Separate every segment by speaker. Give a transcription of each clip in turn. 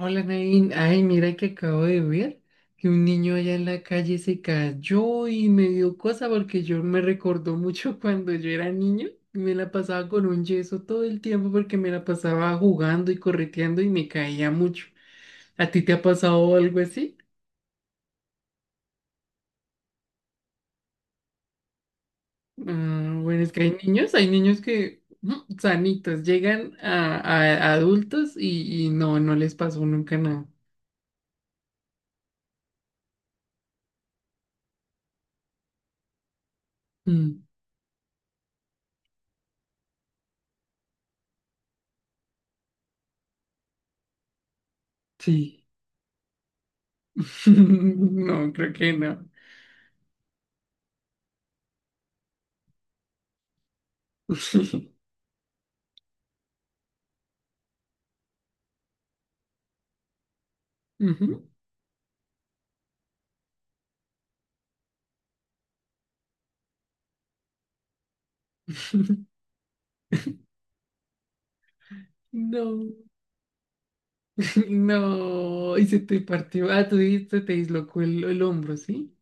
Speaker 1: Hola, Nain. Ay, mira que acabo de ver que un niño allá en la calle se cayó y me dio cosa porque yo me recordó mucho cuando yo era niño y me la pasaba con un yeso todo el tiempo porque me la pasaba jugando y correteando y me caía mucho. ¿A ti te ha pasado algo así? Ah, bueno, es que hay niños que sanitos llegan a adultos y no, no les pasó nunca nada. Mm, sí. No, creo que no. Ujú. No, no, y se te partió. Ah, tú dijiste, te dislocó el hombro, ¿sí?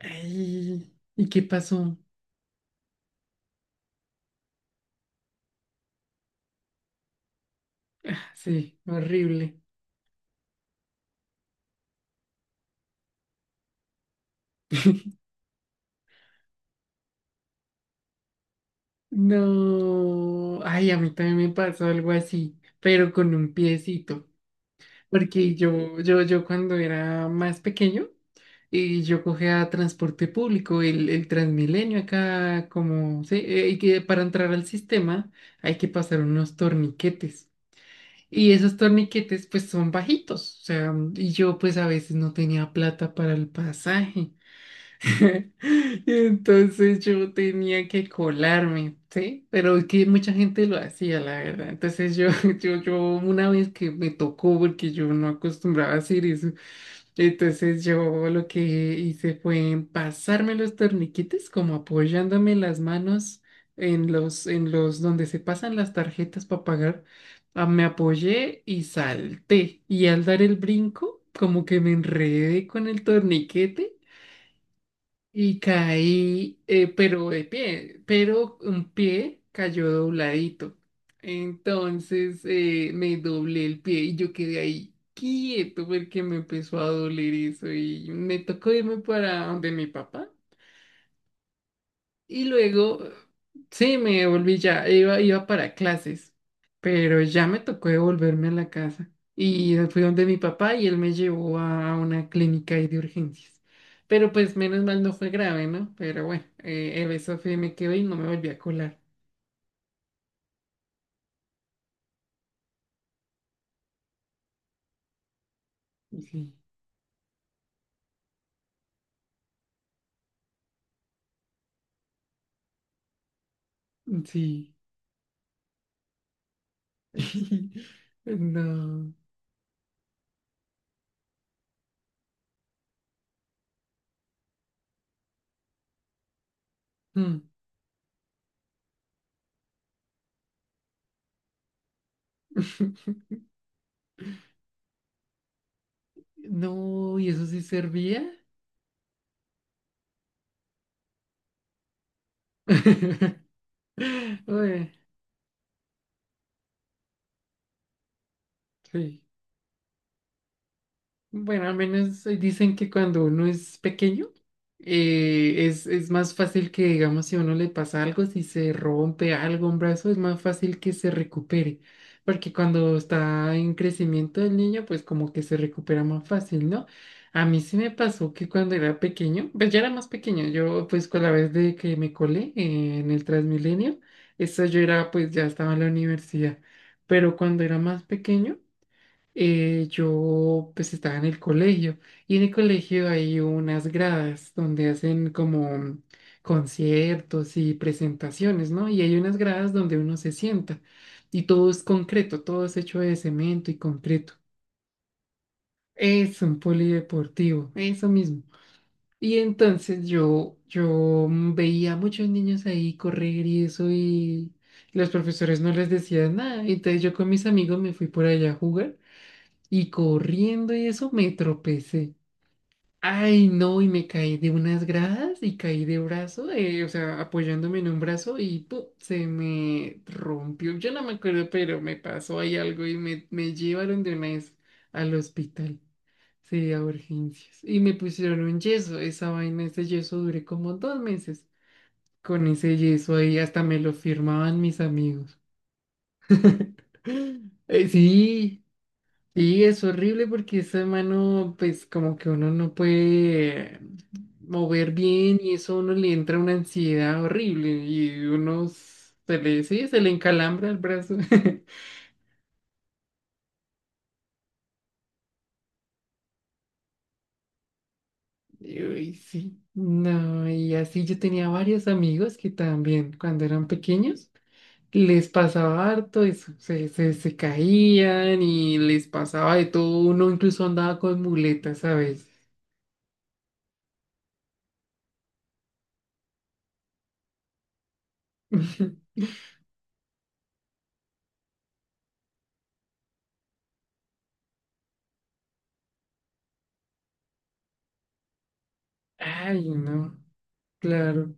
Speaker 1: Ay, ¿y qué pasó? Ah, sí, horrible. No, ay, a mí también me pasó algo así, pero con un piecito, porque yo cuando era más pequeño, y yo cogía transporte público, el Transmilenio acá, como, sí, y que para entrar al sistema hay que pasar unos torniquetes. Y esos torniquetes pues son bajitos, o sea, y yo pues a veces no tenía plata para el pasaje. Y entonces yo tenía que colarme, ¿sí? Pero es que mucha gente lo hacía, la verdad. Entonces yo, yo una vez que me tocó, porque yo no acostumbraba a hacer eso, entonces yo lo que hice fue pasarme los torniquetes, como apoyándome las manos en los donde se pasan las tarjetas para pagar. Ah, me apoyé y salté. Y al dar el brinco, como que me enredé con el torniquete. Y caí, pero de pie, pero un pie cayó dobladito. Entonces me doblé el pie y yo quedé ahí quieto porque me empezó a doler eso y me tocó irme para donde mi papá y luego, sí, me volví ya, iba, iba para clases, pero ya me tocó devolverme a la casa. Y fui donde mi papá y él me llevó a una clínica ahí de urgencias. Pero pues menos mal no fue grave, ¿no? Pero bueno, el beso fue, me quedé y no me volví a colar. Sí, sí. No. Mm. No, ¿y eso sí servía? Ué, sí. Bueno, al menos dicen que cuando uno es pequeño es más fácil que, digamos, si a uno le pasa algo, si se rompe algo, un brazo, es más fácil que se recupere. Porque cuando está en crecimiento el niño, pues como que se recupera más fácil, ¿no? A mí sí me pasó que cuando era pequeño, pues ya era más pequeño, yo pues con la vez de que me colé en el Transmilenio, eso yo era pues ya estaba en la universidad. Pero cuando era más pequeño, yo pues estaba en el colegio y en el colegio hay unas gradas donde hacen como conciertos y presentaciones, ¿no? Y hay unas gradas donde uno se sienta y todo es concreto, todo es hecho de cemento y concreto. Es un polideportivo, eso mismo. Y entonces yo veía a muchos niños ahí correr y eso y los profesores no les decían nada. Entonces yo con mis amigos me fui por allá a jugar. Y corriendo y eso me tropecé. Ay, no, y me caí de unas gradas y caí de brazo, o sea, apoyándome en un brazo y ¡pum! Se me rompió. Yo no me acuerdo, pero me pasó ahí algo y me llevaron de una vez al hospital, sí, a urgencias. Y me pusieron un yeso, esa vaina, ese yeso duré como dos meses con ese yeso ahí, hasta me lo firmaban mis amigos. Sí, y es horrible porque esa mano, pues como que uno no puede mover bien y eso a uno le entra una ansiedad horrible y uno se le, sí, se le encalambra el brazo. Y uy, sí, no, y así yo tenía varios amigos que también cuando eran pequeños les pasaba harto eso, se caían y les pasaba de todo, uno incluso andaba con muletas a veces. Ay, no, claro.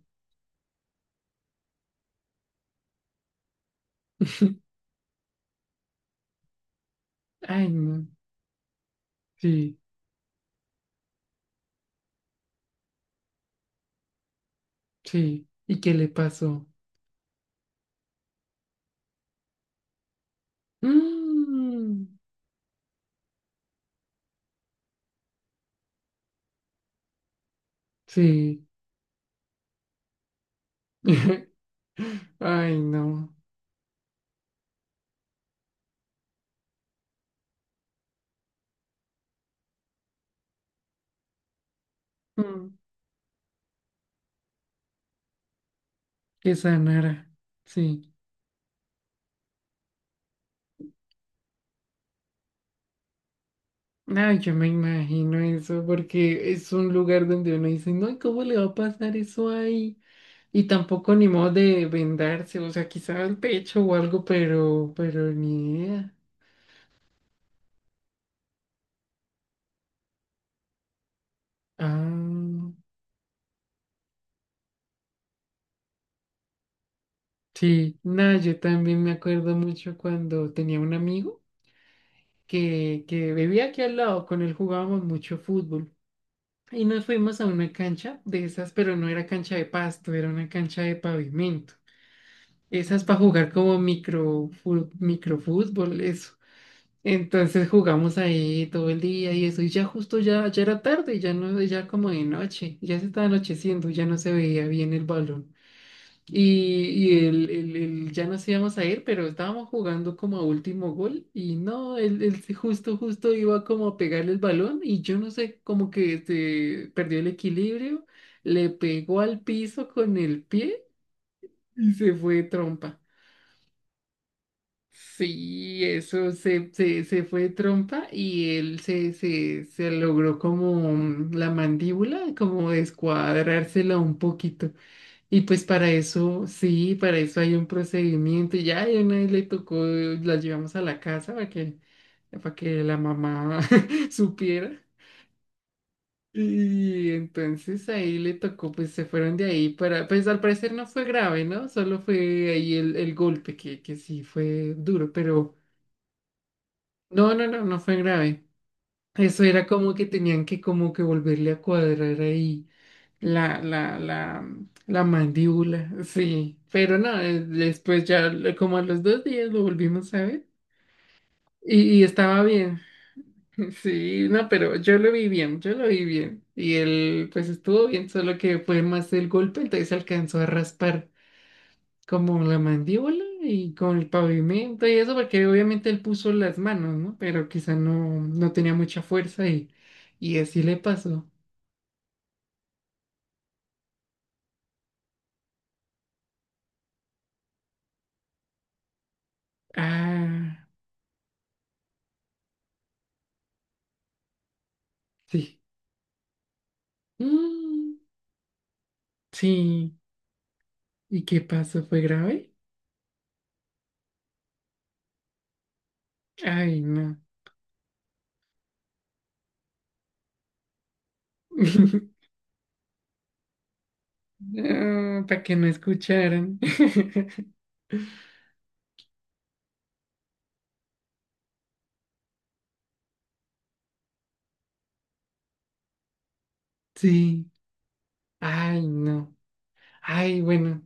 Speaker 1: Ay, no. Sí, sí. ¿Y qué le pasó? Mm, sí. Ay, no. Mm, que sanara. Sí. Ay, yo me imagino eso porque es un lugar donde uno dice, no, ¿cómo le va a pasar eso ahí? Y tampoco ni modo de vendarse, o sea, quizá el pecho o algo, pero ni idea. Ah, sí. No, yo también me acuerdo mucho cuando tenía un amigo que vivía aquí al lado, con él jugábamos mucho fútbol. Y nos fuimos a una cancha de esas, pero no era cancha de pasto, era una cancha de pavimento. Esas para jugar como microfútbol, eso. Entonces jugamos ahí todo el día y eso, y ya justo ya, ya era tarde, ya no, ya como de noche, ya se estaba anocheciendo, ya no se veía bien el balón. Y él, él ya nos íbamos a ir, pero estábamos jugando como a último gol y no, él, justo, justo iba como a pegarle el balón y yo no sé, como que se perdió el equilibrio, le pegó al piso con el pie y se fue de trompa. Sí, eso se fue de trompa y él se logró como la mandíbula, como descuadrársela un poquito. Y pues para eso, sí, para eso hay un procedimiento. Y ya y una vez le tocó, la llevamos a la casa para que la mamá supiera. Y entonces ahí le tocó, pues se fueron de ahí para, pues al parecer no fue grave, ¿no? Solo fue ahí el golpe, que sí fue duro, pero no fue grave. Eso era como que tenían que como que volverle a cuadrar ahí la, la, la, la mandíbula, sí. Pero no, después ya como a los dos días lo volvimos a ver y estaba bien. Sí, no, pero yo lo vi bien, yo lo vi bien. Y él pues estuvo bien, solo que fue más el golpe, entonces alcanzó a raspar como la mandíbula y con el pavimento y eso, porque obviamente él puso las manos, ¿no? Pero quizá no, no tenía mucha fuerza y así le pasó. Ah, sí. Mm, sí. ¿Y qué pasó? ¿Fue grave? Ay, no. Para que no escucharan. Sí. Ay, no. Ay, bueno.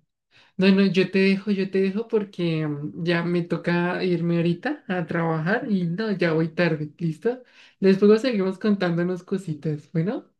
Speaker 1: No, no, yo te dejo porque ya me toca irme ahorita a trabajar y no, ya voy tarde, ¿listo? Después seguimos contándonos cositas. Bueno.